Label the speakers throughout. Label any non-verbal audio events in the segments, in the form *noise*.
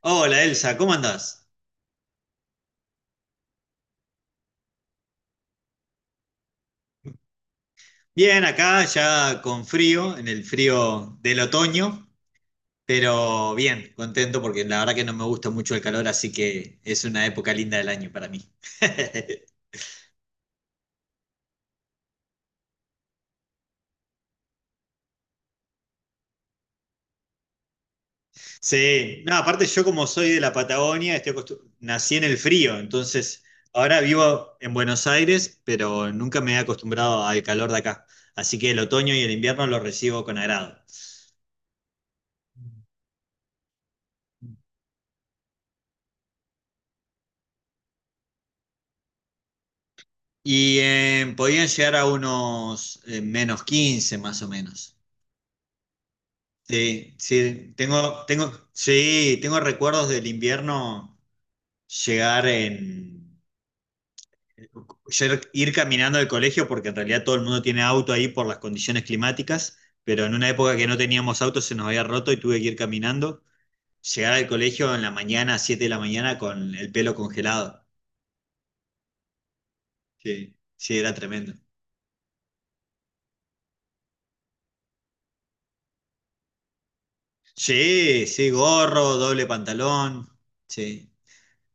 Speaker 1: Hola Elsa, ¿cómo andás? Bien, acá ya con frío, en el frío del otoño, pero bien, contento porque la verdad que no me gusta mucho el calor, así que es una época linda del año para mí. *laughs* Sí, no, aparte yo como soy de la Patagonia, estoy nací en el frío, entonces ahora vivo en Buenos Aires, pero nunca me he acostumbrado al calor de acá, así que el otoño y el invierno los recibo con agrado. Podían llegar a unos -15, más o menos. Sí, sí, tengo recuerdos del invierno llegar en, ir caminando al colegio porque en realidad todo el mundo tiene auto ahí por las condiciones climáticas, pero en una época que no teníamos auto se nos había roto y tuve que ir caminando, llegar al colegio en la mañana, 7 de la mañana con el pelo congelado. Sí, sí, era tremendo. Sí, sí, gorro, doble pantalón, sí,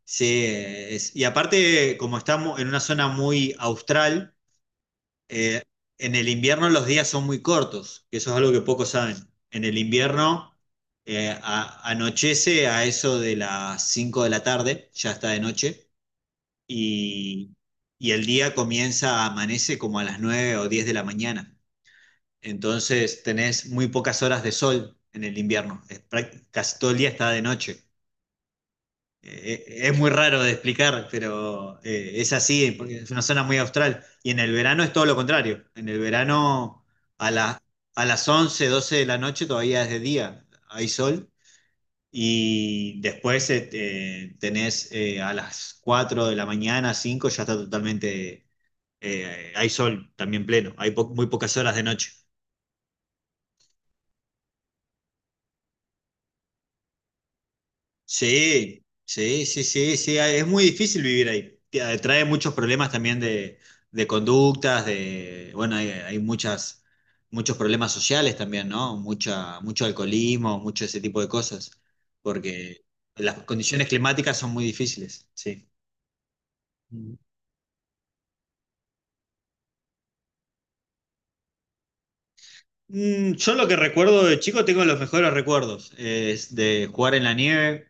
Speaker 1: sí, y aparte como estamos en una zona muy austral, eh, en el invierno los días son muy cortos, que eso es algo que pocos saben. En el invierno anochece a eso de las 5 de la tarde, ya está de noche, y, y el día comienza, amanece como a las 9 o 10 de la mañana. Entonces tenés muy pocas horas de sol en el invierno, es casi todo el día está de noche. Eh, es muy raro de explicar, pero es así, porque es una zona muy austral. Y en el verano es todo lo contrario. En el verano, a la- a las 11 12 de la noche todavía es de día, hay sol. Y después tenés, a las 4 de la mañana, 5 ya está totalmente, hay sol también pleno, hay muy pocas horas de noche. Sí, sí, sí, sí, sí, ah, es muy difícil vivir ahí. Trae muchos problemas también de conductas, de, bueno, hay muchas, muchos problemas sociales también, ¿no? Mucho alcoholismo, mucho ese tipo de cosas, porque las condiciones climáticas son muy difíciles, sí. Mm, yo lo que recuerdo de chico tengo los mejores recuerdos, es de jugar en la nieve.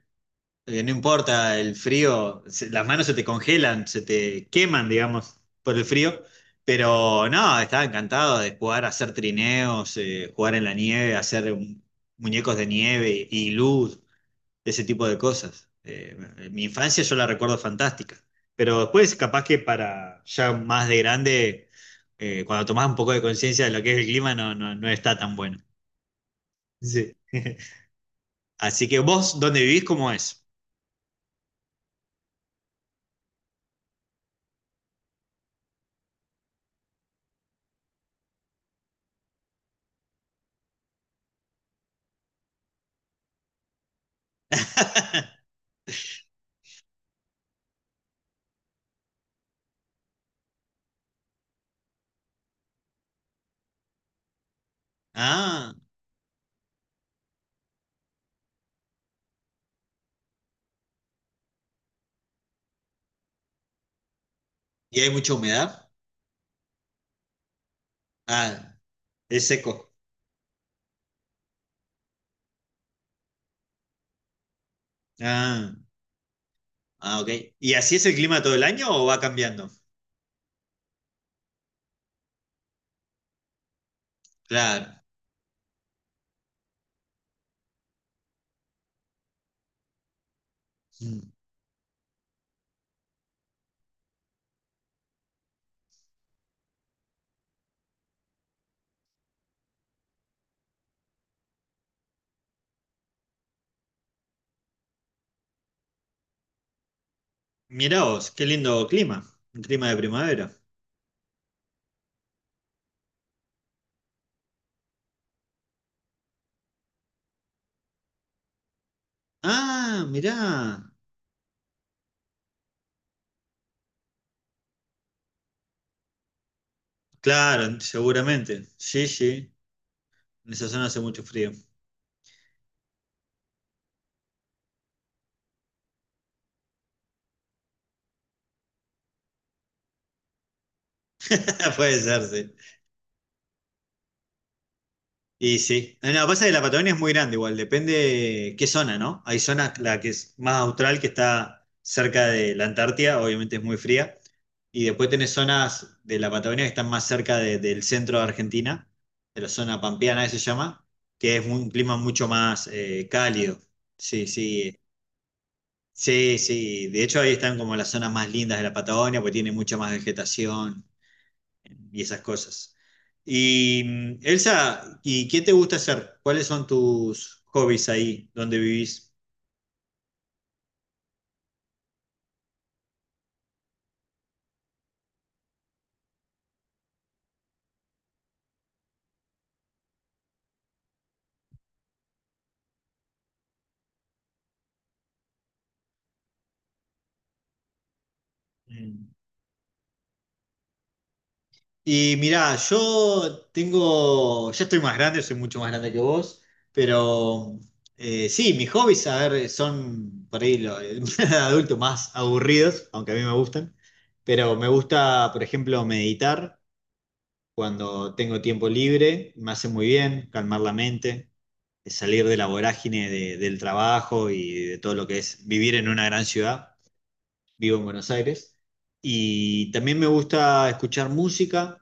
Speaker 1: No importa el frío, las manos se te congelan, se te queman, digamos, por el frío. Pero no, estaba encantado de jugar, hacer trineos, jugar en la nieve, muñecos de nieve y luz, ese tipo de cosas. Mi infancia yo la recuerdo fantástica. Pero después, capaz que para ya más de grande, cuando tomás un poco de conciencia de lo que es el clima, no está tan bueno. Sí. *laughs* Así que vos, ¿dónde vivís? ¿Cómo es? *laughs* Ah. ¿Y hay mucha humedad? Ah, es seco. Ah, ah, ok. ¿Y así es el clima todo el año o va cambiando? Claro. Mm. Mirá vos, qué lindo clima. Un clima de primavera. Ah, mirá. Claro, seguramente. Sí, sí. En esa zona hace mucho frío. *laughs* Puede ser, sí. Y sí. Ah, no, pasa que la Patagonia es muy grande igual, depende qué zona, ¿no? Hay zonas, la que es más austral, que está cerca de la Antártida, obviamente es muy fría. Y después tenés zonas de la Patagonia que están más cerca del centro de Argentina, de la zona pampeana, que se llama, que es un clima mucho más cálido. Sí, sí. Sí, sí. De hecho, ahí están como las zonas más lindas de la Patagonia, porque tiene mucha más vegetación y esas cosas. Elsa, ¿y qué te gusta hacer? ¿Cuáles son tus hobbies ahí donde vivís? Mm. Y mirá, ya estoy más grande, soy mucho más grande que vos, pero sí, mis hobbies, a ver, son por ahí los *laughs* adultos más aburridos, aunque a mí me gustan, pero me gusta, por ejemplo, meditar cuando tengo tiempo libre, me hace muy bien, calmar la mente. De salir de la vorágine del trabajo y de todo lo que es vivir en una gran ciudad, vivo en Buenos Aires. Y también me gusta escuchar música,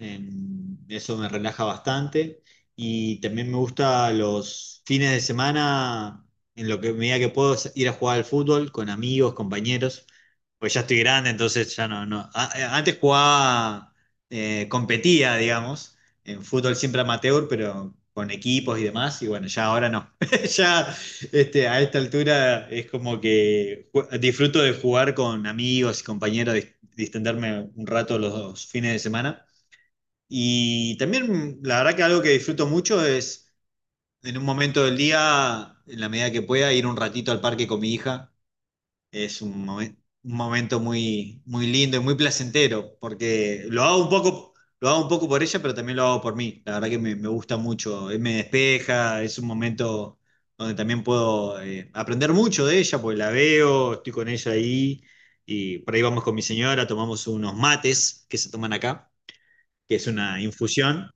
Speaker 1: eso me relaja bastante. Y también me gusta los fines de semana, en lo que medida que puedo, ir a jugar al fútbol con amigos, compañeros. Pues ya estoy grande, entonces ya no, no. A- Antes jugaba, competía, digamos, en fútbol siempre amateur, pero con equipos y demás. Y bueno, ya ahora no. *laughs* Ya a esta altura es como que disfruto de jugar con amigos y compañeros, distenderme un rato los fines de semana. Y también la verdad que algo que disfruto mucho es, en un momento del día, en la medida que pueda, ir un ratito al parque con mi hija. es un, momen- un momento muy, muy lindo y muy placentero, porque lo hago un poco por ella, pero también lo hago por mí. La verdad que me gusta mucho, me despeja, es un momento donde también puedo aprender mucho de ella, porque la veo, estoy con ella ahí, y por ahí vamos con mi señora, tomamos unos mates que se toman acá, que es una infusión,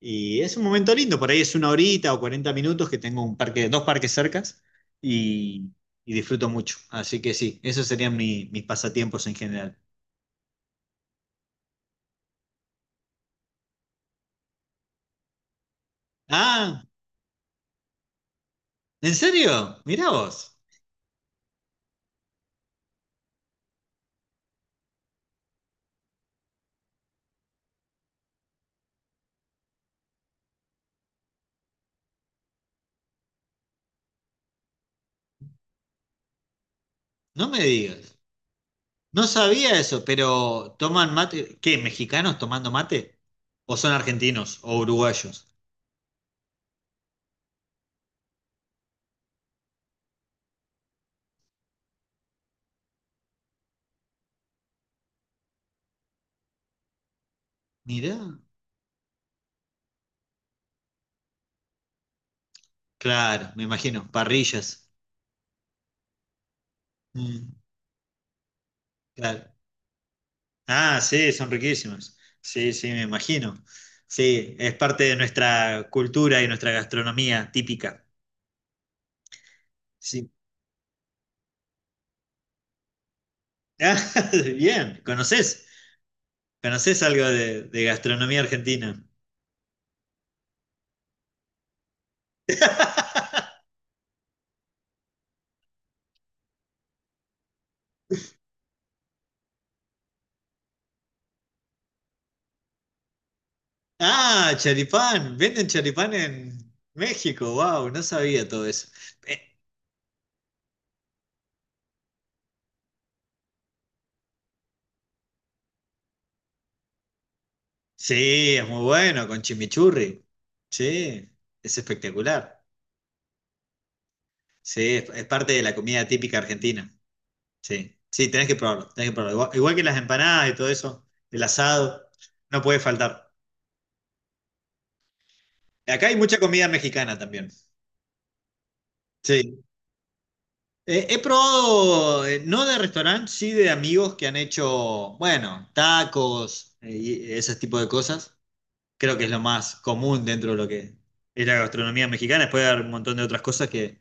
Speaker 1: y es un momento lindo, por ahí es una horita o 40 minutos que tengo un parque, dos parques cercas y, y disfruto mucho. Así que sí, esos serían mis pasatiempos en general. Ah, ¿en serio? Mirá vos, no me digas. No sabía eso, pero ¿toman mate? ¿Qué? ¿Mexicanos tomando mate? ¿O son argentinos o uruguayos? Mirá, claro, me imagino, parrillas. Mm, claro. Ah, sí, son riquísimas. Sí, sí, me imagino. Sí, es parte de nuestra cultura y nuestra gastronomía típica. Sí. *laughs* Ah, bien, ¿conoces? ¿Conoces algo de gastronomía argentina? *laughs* Ah, charipán, venden charipán en México, wow, no sabía todo eso. Eh, sí, es muy bueno, con chimichurri. Sí, es espectacular. Sí, es parte de la comida típica argentina. Sí, sí, tenés que probarlo, tenés que probarlo. Igual, igual que las empanadas y todo eso, el asado, no puede faltar. Acá hay mucha comida mexicana también. Sí. He probado, no de restaurante, sí de amigos que han hecho, bueno, tacos y ese tipo de cosas. Creo que es lo más común dentro de lo que es la gastronomía mexicana. Después hay un montón de otras cosas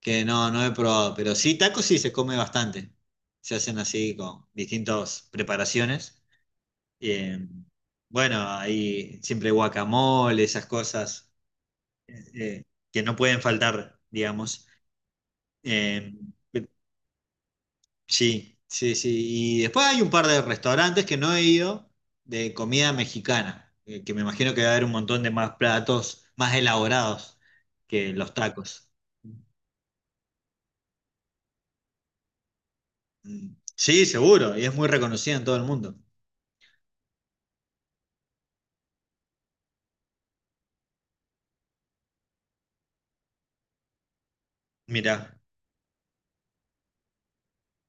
Speaker 1: que no he probado. Pero sí, tacos sí se come bastante. Se hacen así con distintas preparaciones. Eh, bueno, ahí siempre guacamole, esas cosas eh, que no pueden faltar, digamos. Eh, eh, sí, sí, sí. Y después hay un par de restaurantes que no he ido de comida mexicana, que me imagino que va a haber un montón de más platos más elaborados que los tacos. Sí, seguro, y es muy reconocida en todo el mundo. Mira.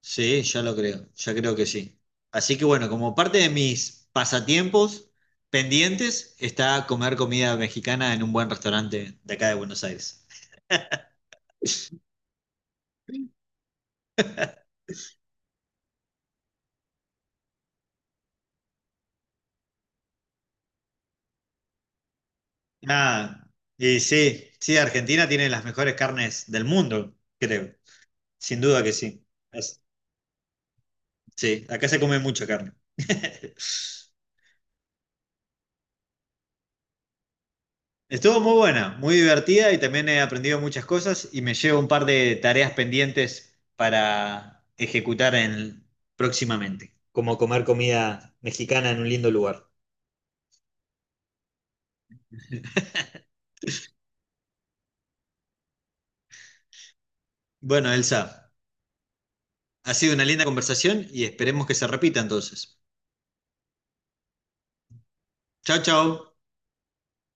Speaker 1: Sí, ya lo creo, ya creo que sí. Así que bueno, como parte de mis pasatiempos pendientes está comer comida mexicana en un buen restaurante de acá de Buenos Aires. Ah, y sí, sí, Argentina tiene las mejores carnes del mundo, creo. Sin duda que sí. Es- sí, acá se come mucha carne. *laughs* Estuvo muy buena, muy divertida y también he aprendido muchas cosas y me llevo un par de tareas pendientes para ejecutar en, próximamente, como comer comida mexicana en un lindo lugar. Bueno, Elsa, ha sido una linda conversación y esperemos que se repita entonces. Chao, chao.